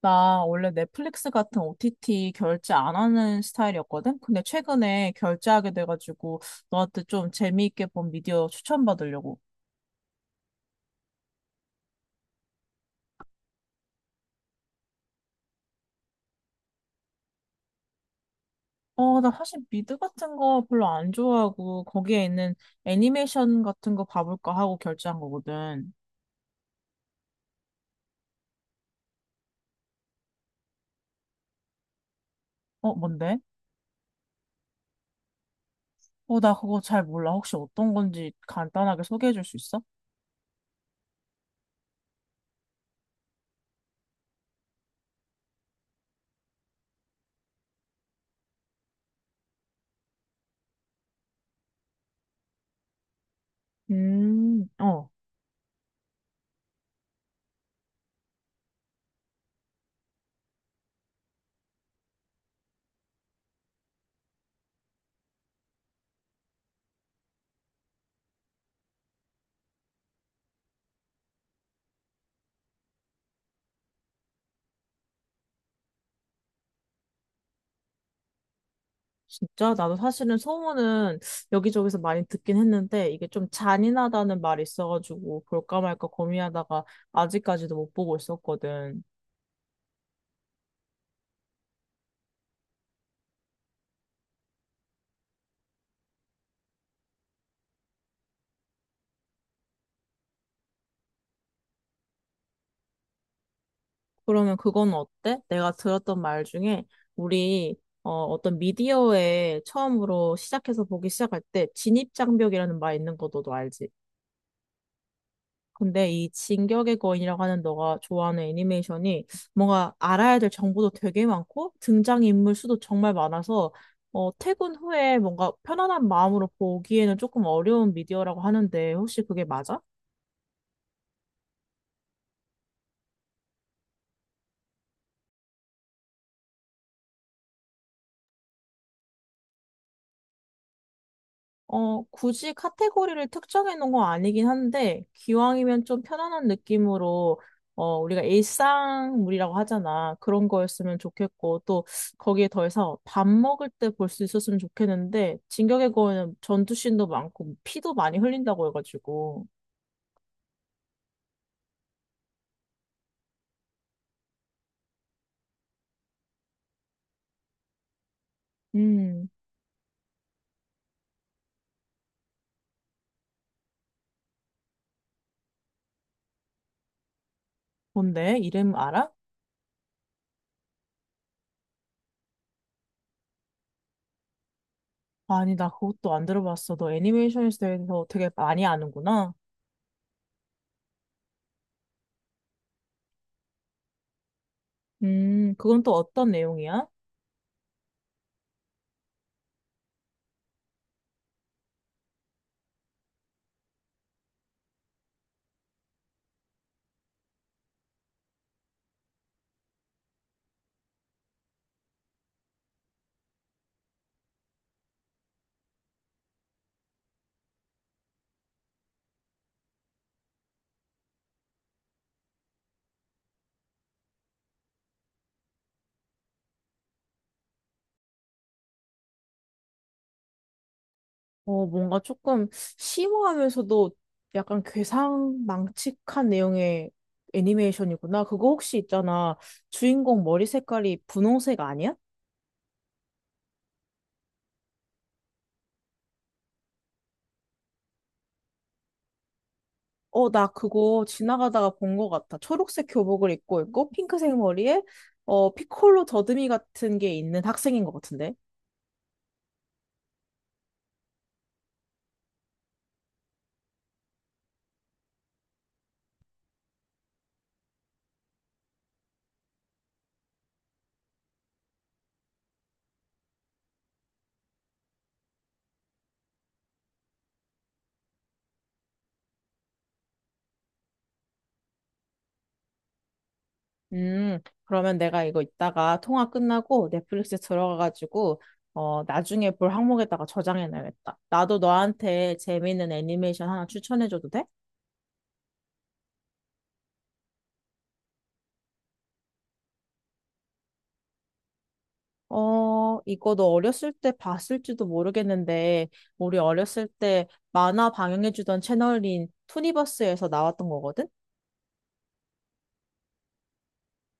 나 원래 넷플릭스 같은 OTT 결제 안 하는 스타일이었거든? 근데 최근에 결제하게 돼가지고 너한테 좀 재미있게 본 미디어 추천받으려고. 나 사실 미드 같은 거 별로 안 좋아하고 거기에 있는 애니메이션 같은 거 봐볼까 하고 결제한 거거든. 뭔데? 나 그거 잘 몰라. 혹시 어떤 건지 간단하게 소개해 줄 수 있어? 어. 진짜 나도 사실은 소문은 여기저기서 많이 듣긴 했는데 이게 좀 잔인하다는 말이 있어가지고 볼까 말까 고민하다가 아직까지도 못 보고 있었거든. 그러면 그건 어때? 내가 들었던 말 중에 우리 어떤 미디어에 처음으로 시작해서 보기 시작할 때 진입장벽이라는 말 있는 거 너도 알지? 근데 이 진격의 거인이라고 하는 너가 좋아하는 애니메이션이 뭔가 알아야 될 정보도 되게 많고 등장인물 수도 정말 많아서 퇴근 후에 뭔가 편안한 마음으로 보기에는 조금 어려운 미디어라고 하는데 혹시 그게 맞아? 굳이 카테고리를 특정해 놓은 건 아니긴 한데, 기왕이면 좀 편안한 느낌으로, 우리가 일상물이라고 하잖아. 그런 거였으면 좋겠고, 또 거기에 더해서 밥 먹을 때 볼 수 있었으면 좋겠는데, 진격의 거인은 전투씬도 많고, 피도 많이 흘린다고 해가지고. 음, 뭔데? 이름 알아? 아니, 나 그것도 안 들어봤어. 너 애니메이션에 대해서 되게 많이 아는구나. 그건 또 어떤 내용이야? 뭔가 조금 심오하면서도 약간 괴상망측한 내용의 애니메이션이구나. 그거 혹시 있잖아. 주인공 머리 색깔이 분홍색 아니야? 나 그거 지나가다가 본 것 같아. 초록색 교복을 입고 있고, 핑크색 머리에, 피콜로 더듬이 같은 게 있는 학생인 것 같은데. 음, 그러면 내가 이거 이따가 통화 끝나고 넷플릭스에 들어가가지고, 나중에 볼 항목에다가 저장해놔야겠다. 나도 너한테 재미있는 애니메이션 하나 추천해줘도 돼? 이거 너 어렸을 때 봤을지도 모르겠는데, 우리 어렸을 때 만화 방영해주던 채널인 투니버스에서 나왔던 거거든?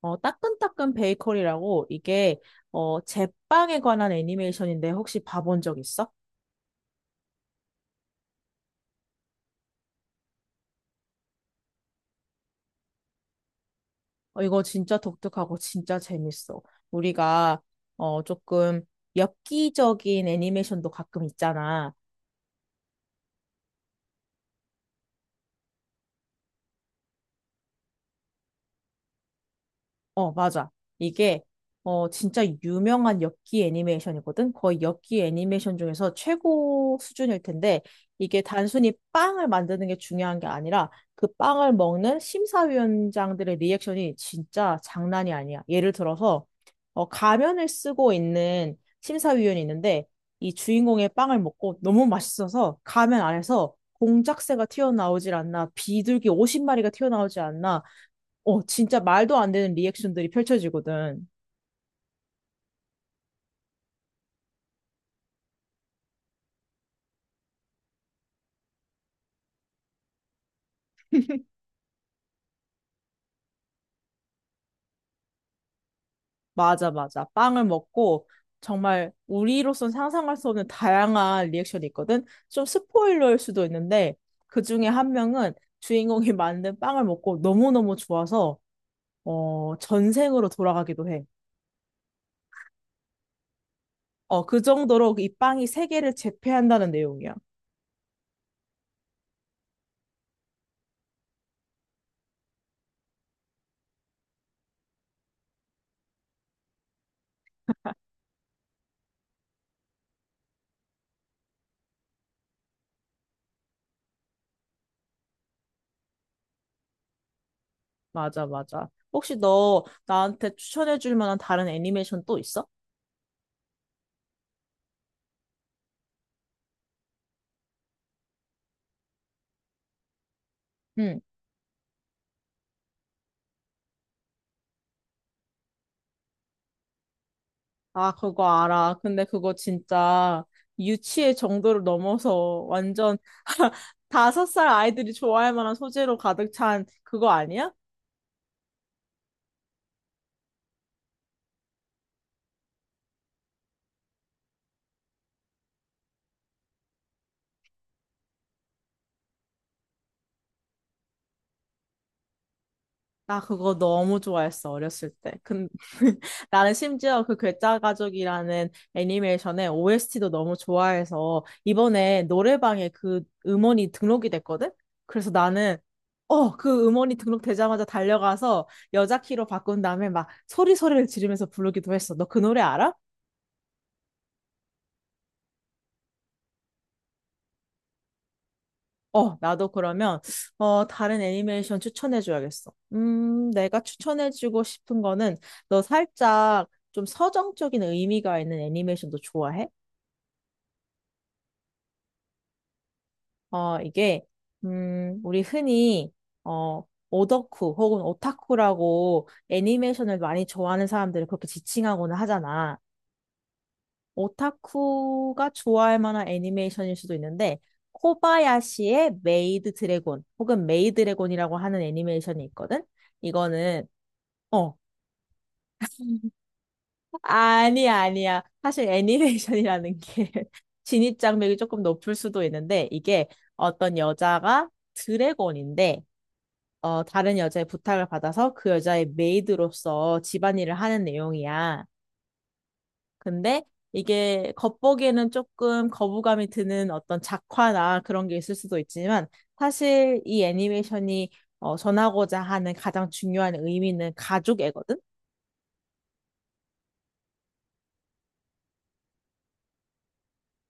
따끈따끈 베이커리라고 이게, 제빵에 관한 애니메이션인데 혹시 봐본 적 있어? 이거 진짜 독특하고 진짜 재밌어. 우리가, 조금 엽기적인 애니메이션도 가끔 있잖아. 어, 맞아. 이게, 진짜 유명한 엽기 애니메이션이거든? 거의 엽기 애니메이션 중에서 최고 수준일 텐데, 이게 단순히 빵을 만드는 게 중요한 게 아니라, 그 빵을 먹는 심사위원장들의 리액션이 진짜 장난이 아니야. 예를 들어서, 가면을 쓰고 있는 심사위원이 있는데, 이 주인공의 빵을 먹고 너무 맛있어서 가면 안에서 공작새가 튀어나오질 않나, 비둘기 50마리가 튀어나오지 않나, 진짜 말도 안 되는 리액션들이 펼쳐지거든. 맞아, 맞아. 빵을 먹고 정말 우리로선 상상할 수 없는 다양한 리액션이 있거든. 좀 스포일러일 수도 있는데 그 중에 한 명은 주인공이 만든 빵을 먹고 너무너무 좋아서 전생으로 돌아가기도 해. 그 정도로 이 빵이 세계를 제패한다는 내용이야. 맞아, 맞아. 혹시 너 나한테 추천해 줄 만한 다른 애니메이션 또 있어? 응. 아, 그거 알아. 근데 그거 진짜 유치의 정도를 넘어서 완전 5살 아이들이 좋아할 만한 소재로 가득 찬 그거 아니야? 나 그거 너무 좋아했어, 어렸을 때. 근 나는 심지어 그 괴짜 가족이라는 애니메이션의 OST도 너무 좋아해서 이번에 노래방에 그 음원이 등록이 됐거든? 그래서 나는 그 음원이 등록되자마자 달려가서 여자 키로 바꾼 다음에 막 소리소리를 지르면서 부르기도 했어. 너 그 노래 알아? 나도 그러면, 다른 애니메이션 추천해줘야겠어. 내가 추천해주고 싶은 거는, 너 살짝 좀 서정적인 의미가 있는 애니메이션도 좋아해? 이게, 우리 흔히, 어, 오덕후 혹은 오타쿠라고 애니메이션을 많이 좋아하는 사람들을 그렇게 지칭하거나 하잖아. 오타쿠가 좋아할 만한 애니메이션일 수도 있는데 코바야시의 메이드 드래곤 혹은 메이 드래곤이라고 하는 애니메이션이 있거든. 이거는 어 아니, 아니야. 사실 애니메이션이라는 게 진입 장벽이 조금 높을 수도 있는데 이게 어떤 여자가 드래곤인데 다른 여자의 부탁을 받아서 그 여자의 메이드로서 집안일을 하는 내용이야. 근데 이게 겉보기에는 조금 거부감이 드는 어떤 작화나 그런 게 있을 수도 있지만 사실 이 애니메이션이 전하고자 하는 가장 중요한 의미는 가족애거든?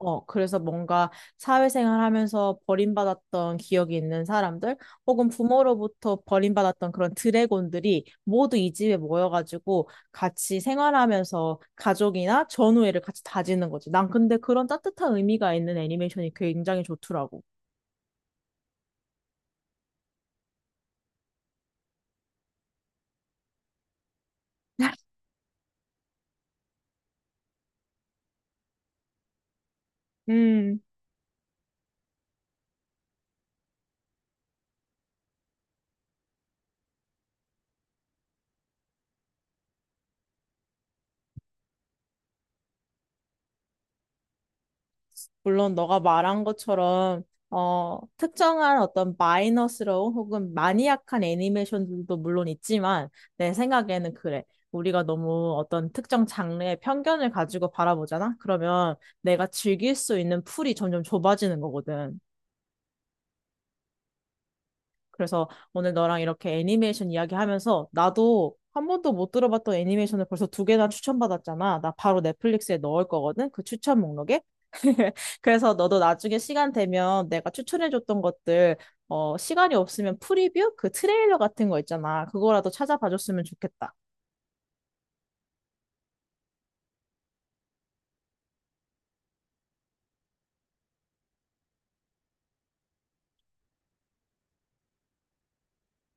그래서 뭔가 사회생활하면서 버림받았던 기억이 있는 사람들 혹은 부모로부터 버림받았던 그런 드래곤들이 모두 이 집에 모여가지고 같이 생활하면서 가족이나 전우애를 같이 다지는 거지. 난 근데 그런 따뜻한 의미가 있는 애니메이션이 굉장히 좋더라고. 음, 물론 너가 말한 것처럼 특정한 어떤 마이너스러운 혹은 마니악한 애니메이션들도 물론 있지만 내 생각에는 그래. 우리가 너무 어떤 특정 장르의 편견을 가지고 바라보잖아? 그러면 내가 즐길 수 있는 풀이 점점 좁아지는 거거든. 그래서 오늘 너랑 이렇게 애니메이션 이야기하면서 나도 한 번도 못 들어봤던 애니메이션을 벌써 두 개나 추천받았잖아. 나 바로 넷플릭스에 넣을 거거든. 그 추천 목록에. 그래서 너도 나중에 시간 되면 내가 추천해줬던 것들, 시간이 없으면 프리뷰? 그 트레일러 같은 거 있잖아. 그거라도 찾아봐줬으면 좋겠다.